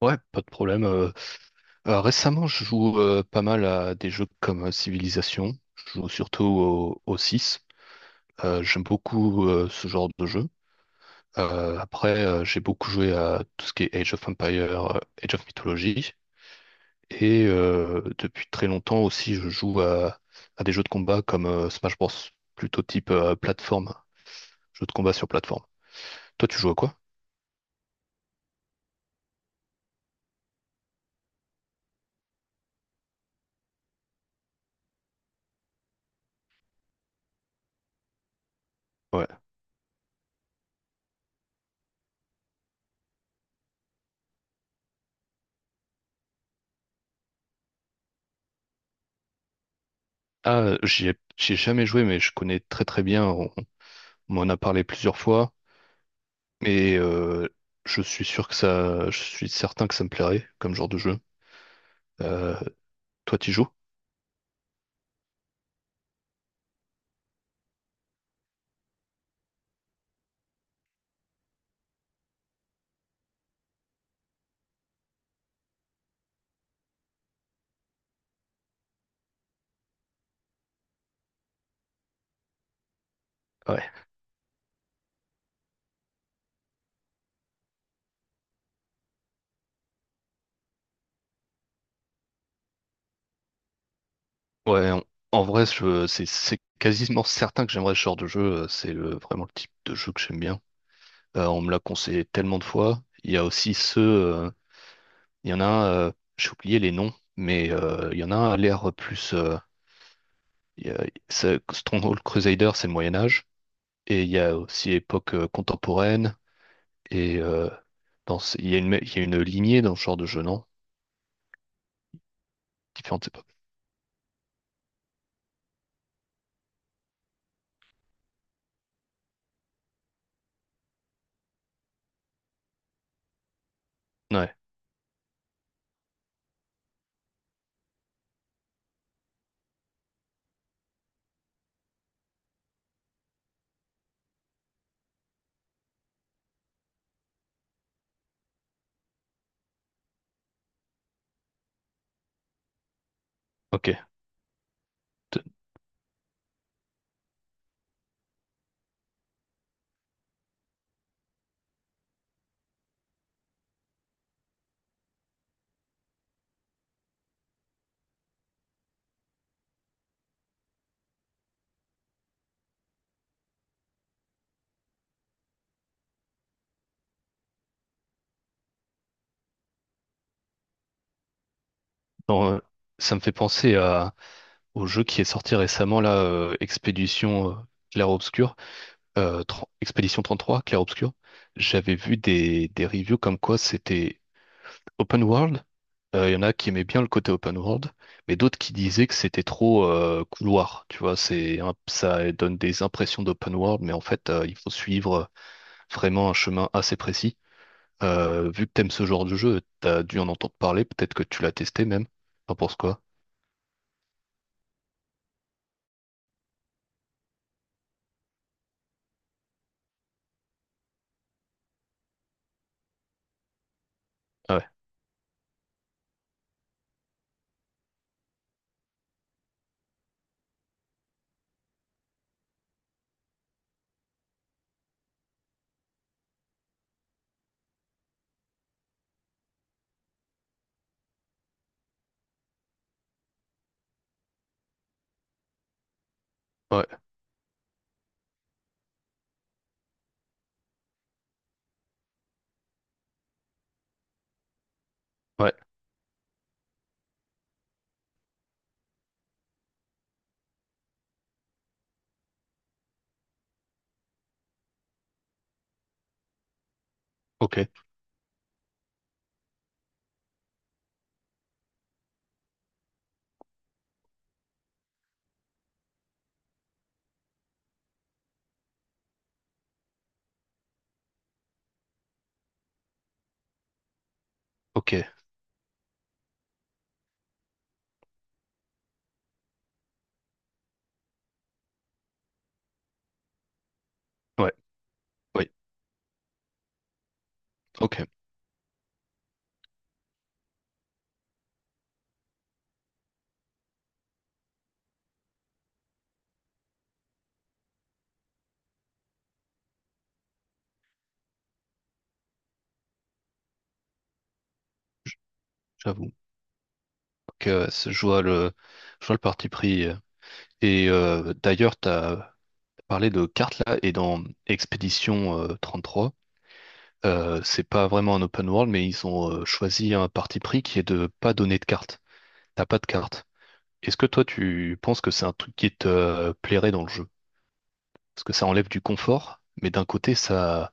Ouais, pas de problème. Récemment, je joue pas mal à des jeux comme Civilization. Je joue surtout au 6. J'aime beaucoup ce genre de jeu. Après, j'ai beaucoup joué à tout ce qui est Age of Empire, Age of Mythology. Et depuis très longtemps aussi, je joue à des jeux de combat comme Smash Bros. Plutôt type plateforme, jeu de combat sur plateforme. Toi, tu joues à quoi? Ouais. Ah, j'y ai jamais joué, mais je connais très très bien. On m'en a parlé plusieurs fois. Et je suis certain que ça me plairait comme genre de jeu. Euh, Toi, t'y joues? Ouais. Ouais, en vrai, c'est quasiment certain que j'aimerais ce genre de jeu. C'est vraiment le type de jeu que j'aime bien. On me l'a conseillé tellement de fois. Il y a aussi il y en a un, j'ai oublié les noms, mais il y en a un à l'air plus. Il y a- c'est- Stronghold Crusader, c'est le Moyen Âge, et il y a aussi époque contemporaine, et il y a il y a une lignée dans ce genre de jeu, non? Différentes époques. Ouais, ok. T- dans, euh, Ça me fait penser au jeu qui est sorti récemment, là, Expédition Clair-Obscur. Expédition 33, Clair Obscur, j'avais vu des reviews comme quoi c'était open world. Il y en a qui aimaient bien le côté open world, mais d'autres qui disaient que c'était trop couloir. Tu vois, ça donne des impressions d'open world, mais en fait, il faut suivre vraiment un chemin assez précis. Vu que t'aimes ce genre de jeu, t'as dû en entendre parler, peut-être que tu l'as testé même. T'en penses quoi? Ouais, ouais, ouais, ok, ok, ouais, oui, ok, j'avoue. Donc, je vois je vois le parti pris. Et d'ailleurs, tu as parlé de cartes là, et dans Expédition trois c'est pas vraiment un open world, mais ils ont choisi un parti pris qui est de pas donner de cartes. T'as pas de cartes. Est-ce que toi, tu penses que c'est un truc qui te plairait dans le jeu? Parce que ça enlève du confort, mais d'un côté, ça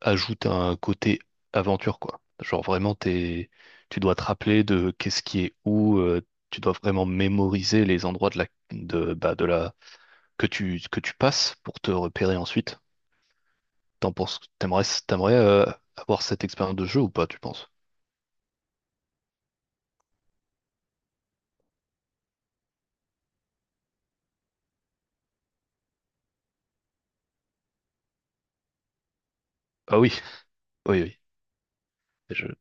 ajoute un côté aventure, quoi. Genre vraiment, t'es... tu dois te rappeler de qu'est-ce qui est où, tu dois vraiment mémoriser les endroits de de la que que tu passes pour te repérer ensuite? T'aimerais avoir cette expérience de jeu ou pas, tu penses? Ah oui, oui, oui. Je-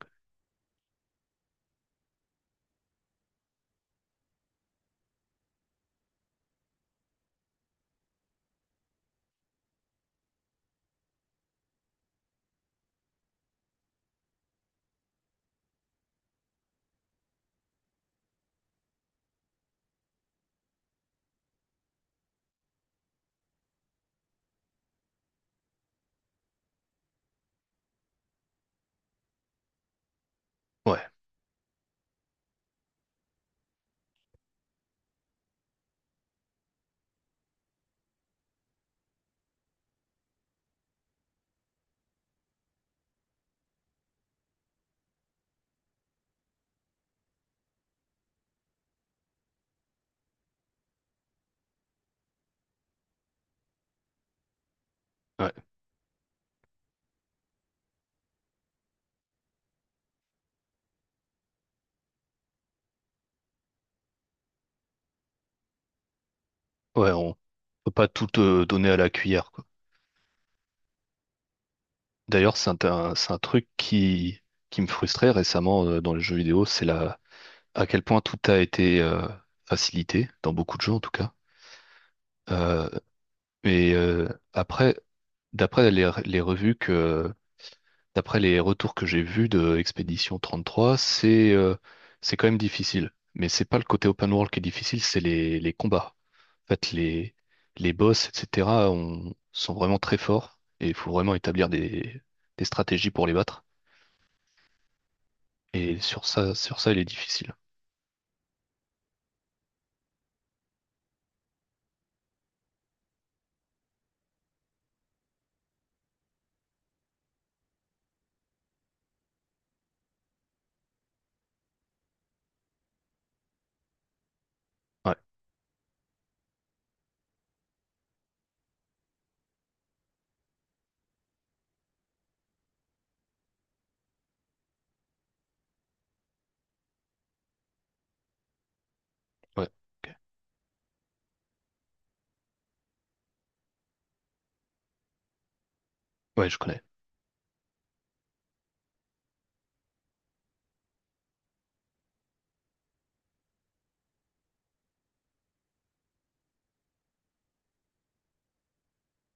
Ouais, ouais, ouais, on peut pas tout donner à la cuillère, quoi. D'ailleurs, c'est c'est un truc qui me frustrait récemment dans les jeux vidéo, c'est à quel point tout a été facilité, dans beaucoup de jeux en tout cas. Euh, mais après, d'après les, les revues que, d'après les retours que j'ai vus de Expédition 33, c'est quand même difficile. Mais c'est pas le côté open world qui est difficile, c'est les combats. En fait, les boss, etc., sont vraiment très forts et il faut vraiment établir des stratégies pour les battre. Et sur ça, il est difficile. Ouais, ouais, ok. Ouais, je connais.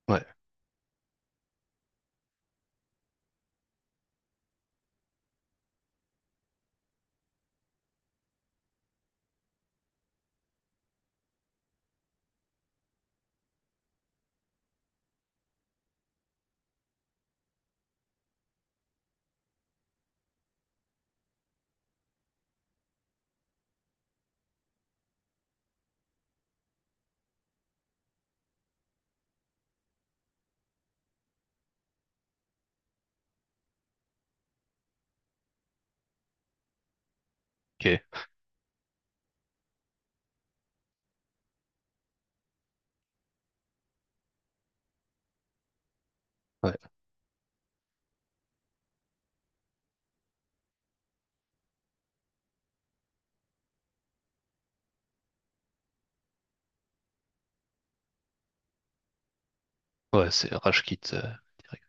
Ouais, ok. Ouais, ouais, c'est Rashkit. Direct.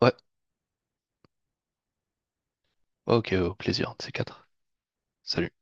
Ouais, ok, au plaisir, de ces quatre. Salut.